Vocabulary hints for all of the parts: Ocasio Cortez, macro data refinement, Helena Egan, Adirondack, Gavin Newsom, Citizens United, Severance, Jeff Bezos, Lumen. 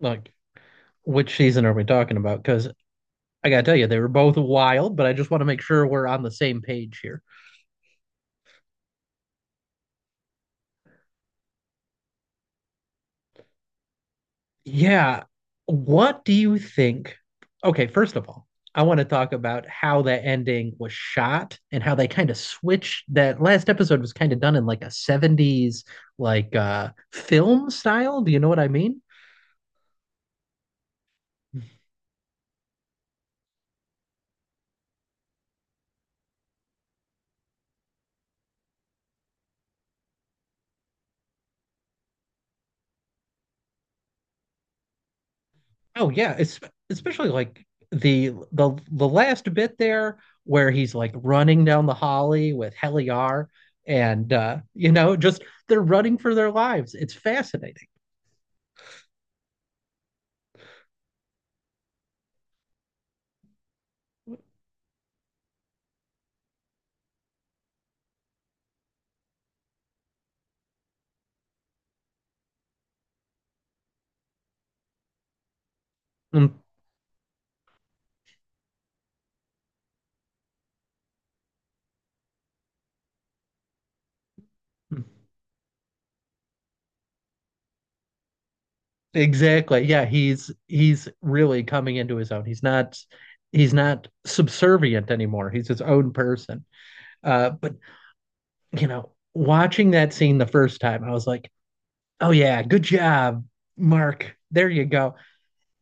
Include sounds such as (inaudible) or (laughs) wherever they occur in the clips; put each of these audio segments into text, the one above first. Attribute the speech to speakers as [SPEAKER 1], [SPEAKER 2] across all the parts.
[SPEAKER 1] Like, which season are we talking about? Because I gotta tell you, they were both wild, but I just want to make sure we're on the same page here. Yeah. What do you think? Okay, first of all, I want to talk about how that ending was shot and how they kind of switched that last episode was kind of done in like a 70s like film style. Do you know what I mean? Oh yeah, it's especially like the last bit there where he's like running down the holly with Heliar and you know just they're running for their lives. It's fascinating. Mm, exactly. Yeah, he's really coming into his own. He's not subservient anymore. He's his own person. But you know, watching that scene the first time, I was like, "Oh yeah, good job, Mark. There you go."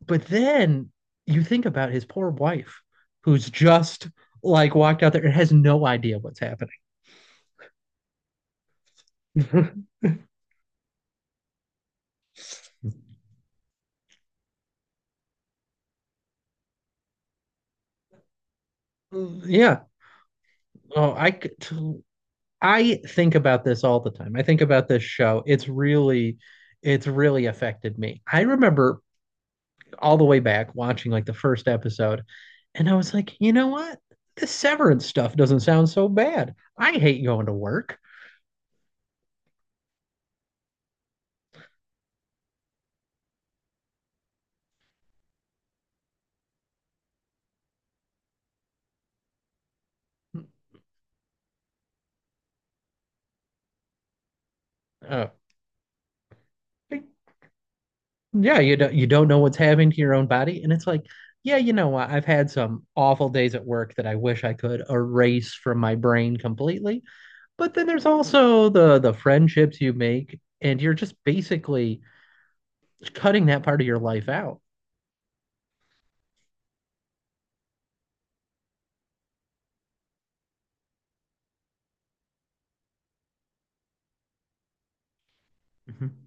[SPEAKER 1] But then you think about his poor wife, who's just like walked out there and has no idea what's happening. (laughs) Yeah. Oh, I think about this all the time. I think about this show. It's really affected me. I remember all the way back watching like the first episode and I was like, "You know what? The severance stuff doesn't sound so bad. I hate going to work." Hmm. Oh, yeah, you don't know what's happening to your own body, and it's like, yeah, you know what? I've had some awful days at work that I wish I could erase from my brain completely. But then there's also the friendships you make, and you're just basically cutting that part of your life out. Mhm.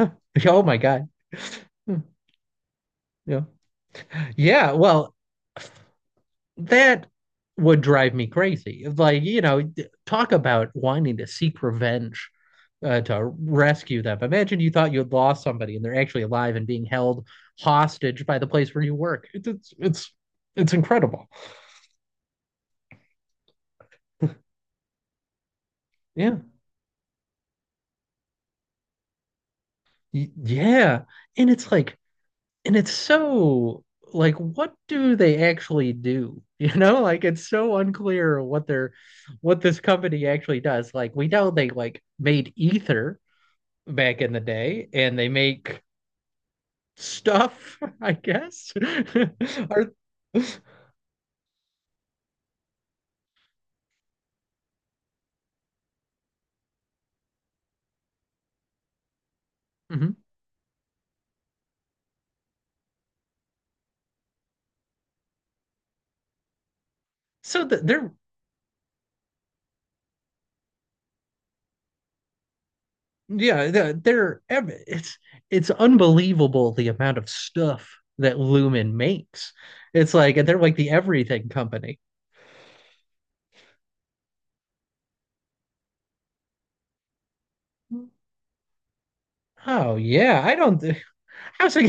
[SPEAKER 1] (laughs) Oh my God. Hmm, yeah. Yeah. Well, that would drive me crazy. Like, you know, talk about wanting to seek revenge to rescue them. Imagine you thought you had lost somebody and they're actually alive and being held hostage by the place where you work. It's incredible. Yeah. Yeah. And it's like and it's so like what do they actually do? (laughs) You know, like it's so unclear what they're what this company actually does. Like we know they like made ether, back in the day, and they make stuff, I guess. (laughs) Are mhm, so th- they're yeah they're it's it's unbelievable the amount of stuff that Lumen makes. It's like and they're like the everything company. Oh yeah, I don't. Thi- How sig-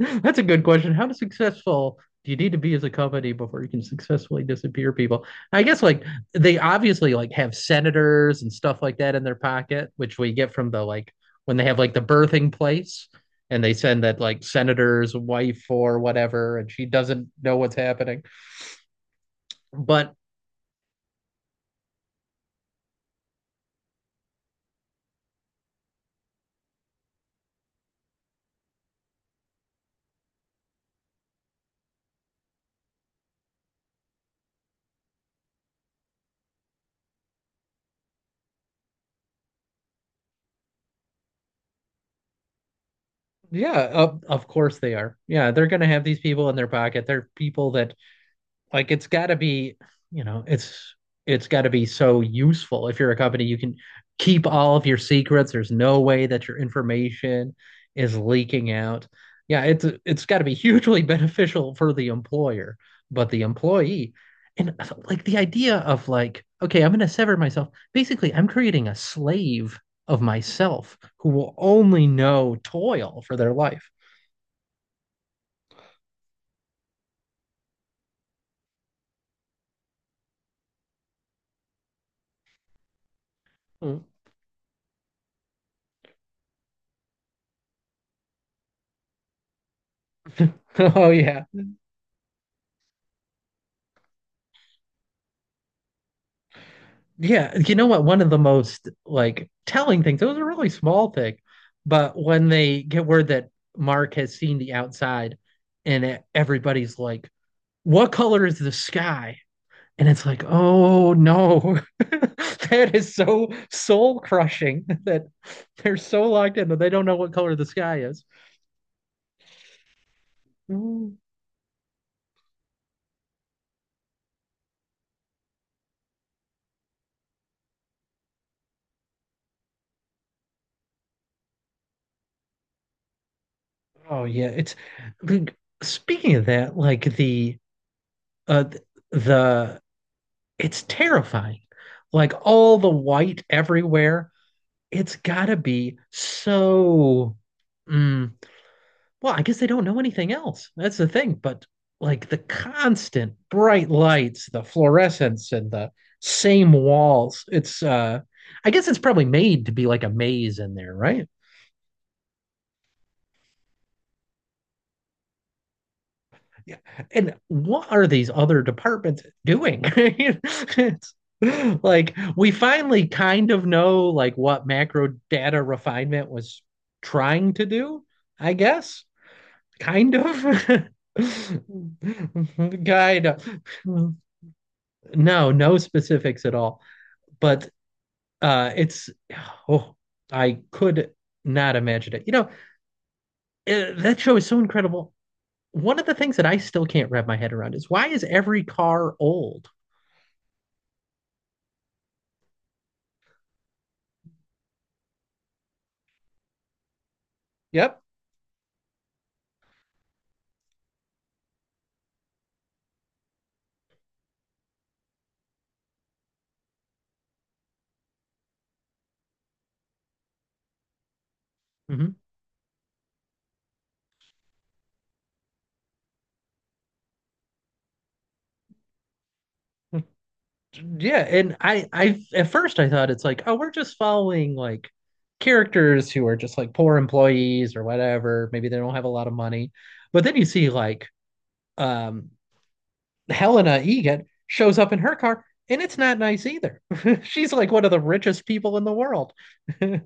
[SPEAKER 1] (laughs) that's a good question. How successful do you need to be as a company before you can successfully disappear people? I guess like they obviously like have senators and stuff like that in their pocket, which we get from the like when they have like the birthing place and they send that like senator's wife or whatever, and she doesn't know what's happening. But yeah, of course they are. Yeah, they're gonna have these people in their pocket. They're people that like it's got to be, you know, it's got to be so useful. If you're a company, you can keep all of your secrets. There's no way that your information is leaking out. Yeah, it's got to be (laughs) hugely beneficial for the employer, but the employee and like the idea of like, okay, I'm going to sever myself. Basically, I'm creating a slave of myself who will only know toil for their life. Mm. (laughs) Oh yeah. Yeah, you know what? One of the most like telling things, it was a really small thing, but when they get word that Mark has seen the outside and everybody's like, "What color is the sky?" And it's like, "Oh no," (laughs) that is so soul crushing (laughs) that they're so locked in that they don't know what color the sky is. Mm. Oh, yeah. It's like, speaking of that, like uh, the it's terrifying. Like all the white everywhere. It's gotta be so. Mm, well, I guess they don't know anything else. That's the thing. But like the constant bright lights, the fluorescence, and the same walls. It's. I guess it's probably made to be like a maze in there, right? Yeah. And what are these other departments doing? (laughs) It's like we finally kind of know like what macro data refinement was trying to do, I guess. Kind of. (laughs) (laughs) Kind of. No, no specifics at all. But uh it's oh, I could not imagine it. You know, that show is so incredible. One of the things that I still can't wrap my head around is why is every car old? Yep. Mm-hmm. Yeah, and I at first I thought it's like, oh, we're just following like characters who are just like poor employees or whatever. Maybe they don't have a lot of money, but then you see like um, Helena Egan shows up in her car, and it's not nice either. (laughs) She's like one of the richest people in the world. (laughs) Yeah,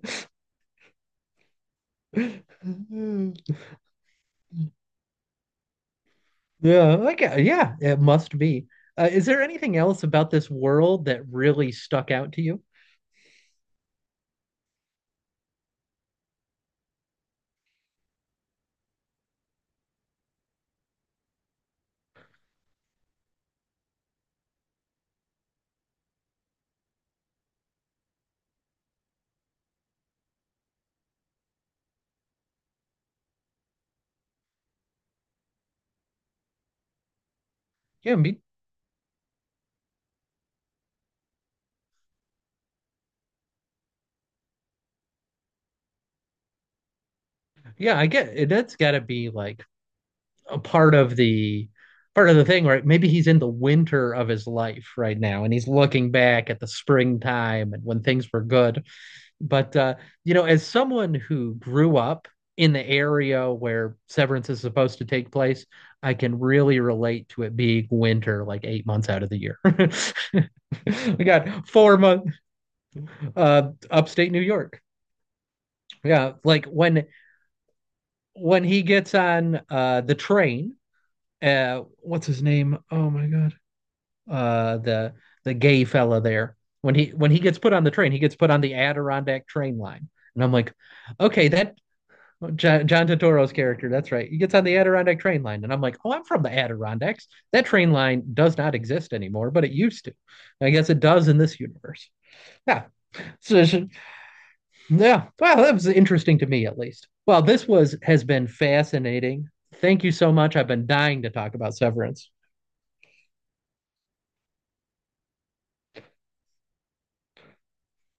[SPEAKER 1] like yeah, it must be. Is there anything else about this world that really stuck out to you? Yeah, me yeah, I get it. That's got to be like a part of the thing, right? Maybe he's in the winter of his life right now, and he's looking back at the springtime and when things were good. But you know, as someone who grew up in the area where Severance is supposed to take place, I can really relate to it being winter, like 8 months out of the year. (laughs) We got 4 months upstate New York. Yeah, like when he gets on the train what's his name? Oh my god. Uh the the gay fella there. When he gets put on the train, he gets put on the Adirondack train line. And I'm like, okay, that John Totoro's character, that's right. He gets on the Adirondack train line. And I'm like, oh, I'm from the Adirondacks. That train line does not exist anymore, but it used to. I guess it does in this universe. Yeah. So, so, yeah. Well, that was interesting to me at least. Well, this was has been fascinating. Thank you so much. I've been dying to talk about Severance.